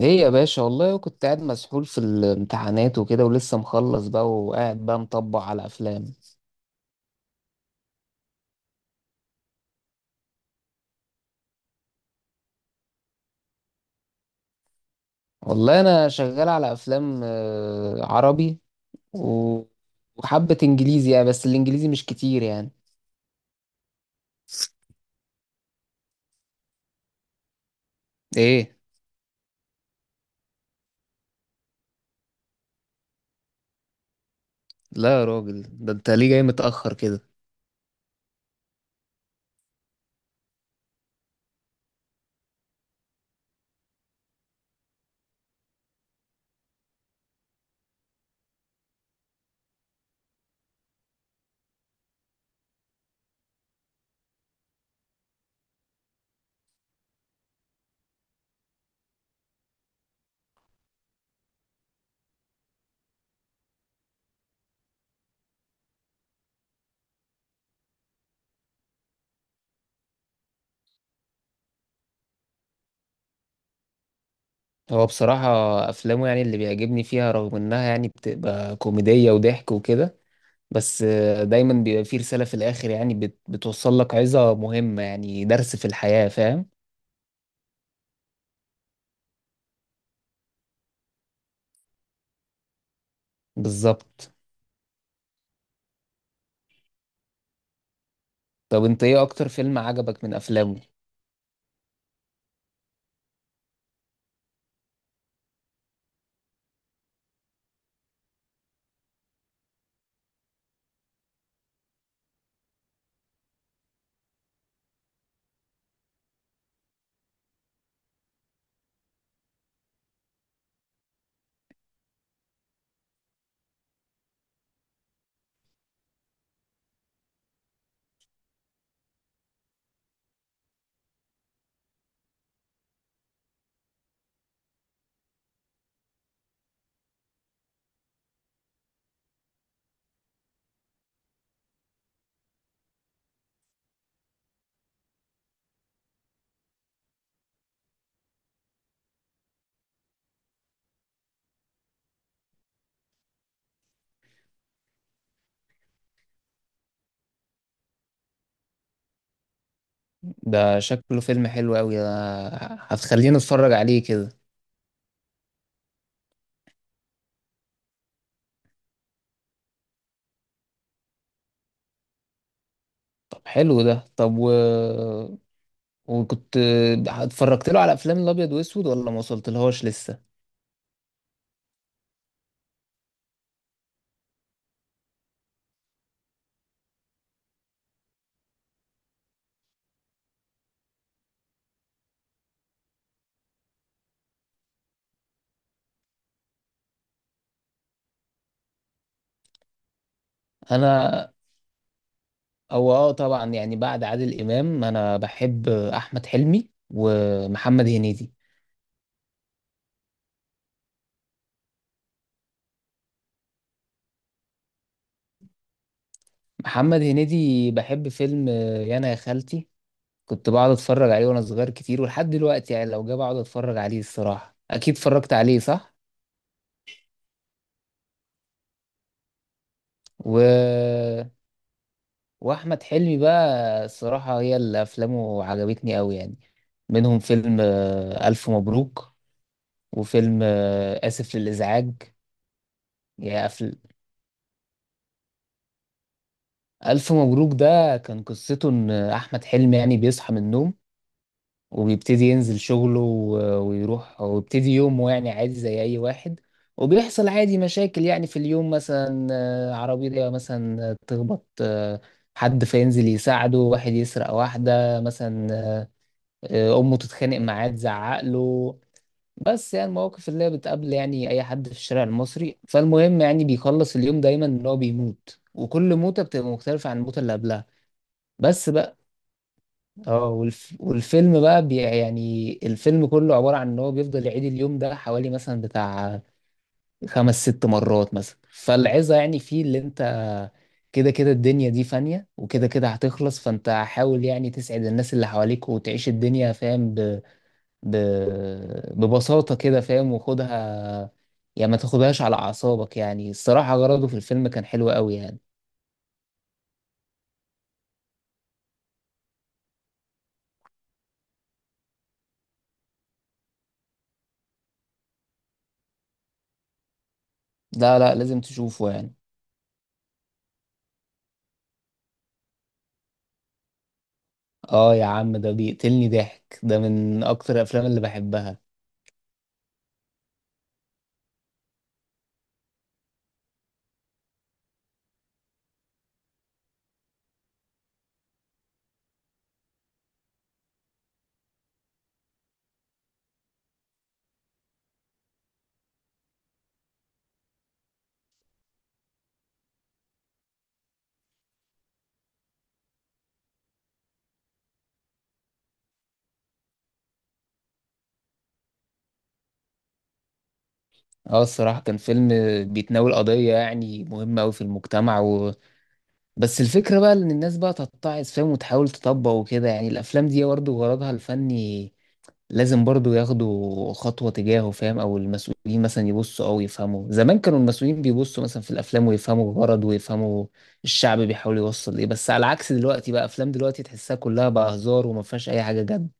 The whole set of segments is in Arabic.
ايه يا باشا؟ والله كنت قاعد مسحول في الامتحانات وكده ولسه مخلص بقى وقاعد بقى مطبق على افلام. والله انا شغال على افلام عربي و- وحبة انجليزي يعني، بس الانجليزي مش كتير يعني. ايه؟ لا يا راجل، ده انت ليه جاي متأخر كده؟ هو بصراحة افلامه، يعني اللي بيعجبني فيها، رغم انها يعني بتبقى كوميدية وضحك وكده، بس دايما بيبقى فيه رسالة في الاخر، يعني بتوصل لك عظة مهمة، يعني درس في الحياة، فاهم؟ بالظبط. طب انت ايه اكتر فيلم عجبك من افلامه؟ ده شكله فيلم حلو قوي ده، هتخليني اتفرج عليه كده. طب حلو ده. طب وكنت اتفرجت له على افلام الابيض واسود ولا ما وصلت لهاش لسه؟ انا اه طبعا، يعني بعد عادل امام انا بحب احمد حلمي ومحمد هنيدي. محمد هنيدي بحب فيلم يانا يا خالتي، كنت بقعد اتفرج عليه وانا صغير كتير ولحد دلوقتي، يعني لو جه بقعد اتفرج عليه الصراحة، اكيد اتفرجت عليه صح؟ و... واحمد حلمي بقى الصراحه هي اللي افلامه عجبتني قوي يعني، منهم فيلم الف مبروك وفيلم اسف للازعاج. يا أفل... الف مبروك ده كان قصته ان احمد حلمي يعني بيصحى من النوم، وبيبتدي ينزل شغله ويروح ويبتدي يومه يعني عادي زي اي واحد، وبيحصل عادي مشاكل يعني في اليوم، مثلا عربية مثلا تخبط، حد فينزل يساعده، واحد يسرق واحدة مثلا، امه تتخانق معاه تزعق له، بس يعني المواقف اللي هي بتقابل يعني اي حد في الشارع المصري، فالمهم يعني بيخلص اليوم دايما ان هو بيموت، وكل موته بتبقى مختلفه عن الموته اللي قبلها. بس بقى، اه يعني الفيلم كله عباره عن ان هو بيفضل يعيد اليوم ده حوالي مثلا بتاع 5 6 مرات مثلا، فالعظه يعني فيه اللي انت كده كده الدنيا دي فانية، وكده كده هتخلص، فانت حاول يعني تسعد الناس اللي حواليك وتعيش الدنيا، فاهم؟ ب... ببساطة كده فاهم، وخدها يعني ما تاخدهاش على أعصابك يعني، الصراحة غرضه في الفيلم كان حلو قوي يعني. لا لا، لازم تشوفه يعني. اه يا عم، ده بيقتلني ضحك، ده من أكتر الأفلام اللي بحبها. اه الصراحة كان فيلم بيتناول قضية يعني مهمة أوي في المجتمع، بس الفكرة بقى إن الناس بقى تتعظ، فاهم؟ وتحاول تطبق وكده، يعني الأفلام دي برضه غرضها الفني لازم برضو ياخدوا خطوة تجاهه، فاهم؟ او المسؤولين مثلا يبصوا او يفهموا، زمان كانوا المسؤولين بيبصوا مثلا في الافلام ويفهموا الغرض، ويفهموا الشعب بيحاول يوصل ايه، بس على عكس دلوقتي بقى، افلام دلوقتي تحسها كلها بقى هزار وما فيهاش اي حاجة جد.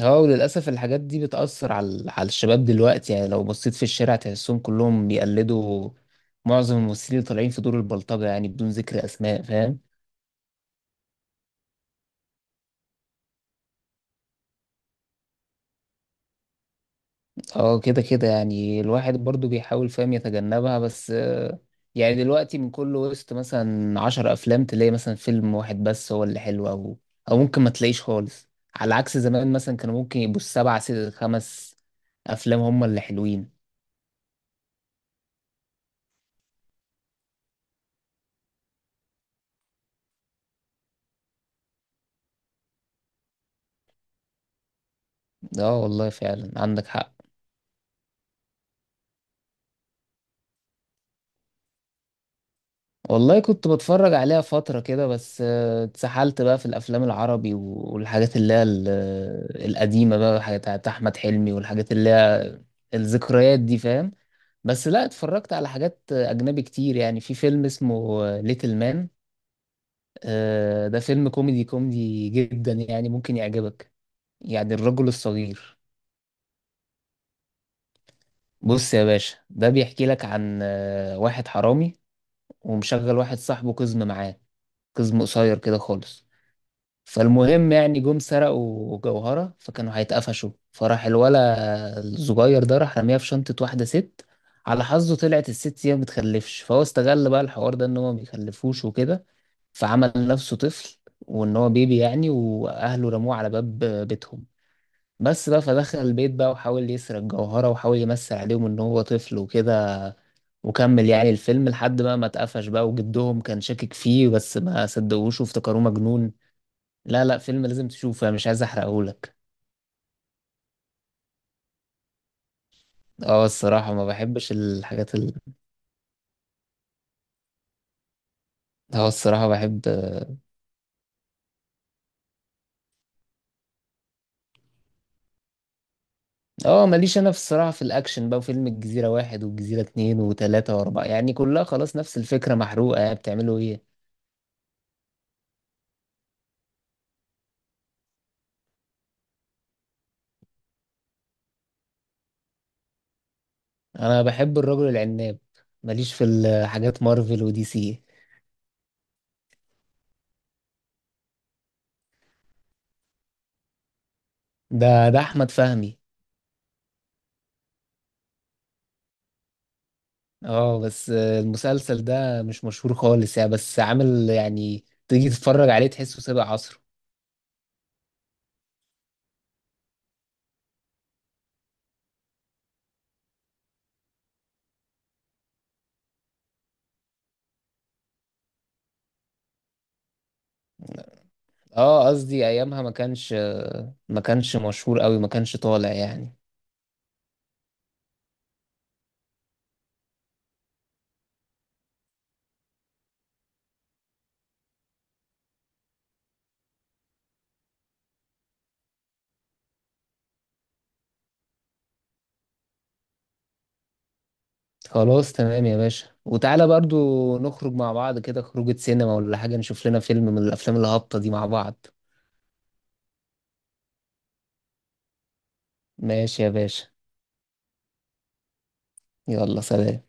اه وللاسف الحاجات دي بتأثر على الشباب دلوقتي، يعني لو بصيت في الشارع تحسهم كلهم بيقلدوا معظم الممثلين اللي طالعين في دور البلطجة، يعني بدون ذكر اسماء، فاهم؟ اه كده كده يعني الواحد برضو بيحاول فاهم يتجنبها، بس يعني دلوقتي من كل وسط مثلا 10 أفلام تلاقي مثلا فيلم واحد بس هو اللي حلو، أو ممكن ما تلاقيش خالص، على عكس زمان مثلا كانوا ممكن يبقوا السبعة ست خمس أفلام هما اللي حلوين. اه والله فعلا عندك حق. والله كنت بتفرج عليها فترة كده بس اتسحلت بقى في الأفلام العربي والحاجات اللي هي القديمة بقى، حاجات بتاعت أحمد حلمي والحاجات اللي هي الذكريات دي، فاهم؟ بس لا، اتفرجت على حاجات اجنبي كتير، يعني في فيلم اسمه ليتل مان، ده فيلم كوميدي كوميدي جدا يعني، ممكن يعجبك. يعني الرجل الصغير. بص يا باشا، ده بيحكي لك عن واحد حرامي، ومشغل واحد صاحبه قزم معاه، قزم قصير كده خالص، فالمهم يعني جم سرقوا جوهرة فكانوا هيتقفشوا، فراح الولا الصغير ده راح رميها في شنطة واحدة ست، على حظه طلعت الست هي ما بتخلفش، فهو استغل بقى الحوار ده ان هو ما بيخلفوش وكده، فعمل نفسه طفل وان هو بيبي يعني، واهله رموه على باب بيتهم. بس بقى، فدخل البيت بقى وحاول يسرق جوهرة، وحاول يمثل عليهم ان هو طفل وكده، وكمل يعني الفيلم لحد بقى ما اتقفش بقى، وجدهم كان شاكك فيه بس ما صدقوش وافتكروه مجنون. لا لا، فيلم لازم تشوفه، انا مش عايز احرقهولك. اه الصراحة ما بحبش الحاجات اه الصراحة بحب. اه ماليش انا في الصراحة في الاكشن بقى، وفيلم الجزيرة 1 والجزيرة 2 و3 و4 يعني كلها خلاص نفس الفكرة محروقة، يعني بتعملوا ايه؟ انا بحب الرجل العناب، ماليش في الحاجات مارفل ودي سي. ده احمد فهمي. اه بس المسلسل ده مش مشهور خالص يعني، بس عامل يعني تيجي تتفرج عليه تحسه سابق عصره. اه قصدي ايامها ما كانش مشهور قوي، ما كانش طالع يعني. خلاص تمام يا باشا، وتعالى برضو نخرج مع بعض كده خروجة سينما ولا حاجة، نشوف لنا فيلم من الافلام الهابطة دي مع بعض. ماشي يا باشا، يلا سلام.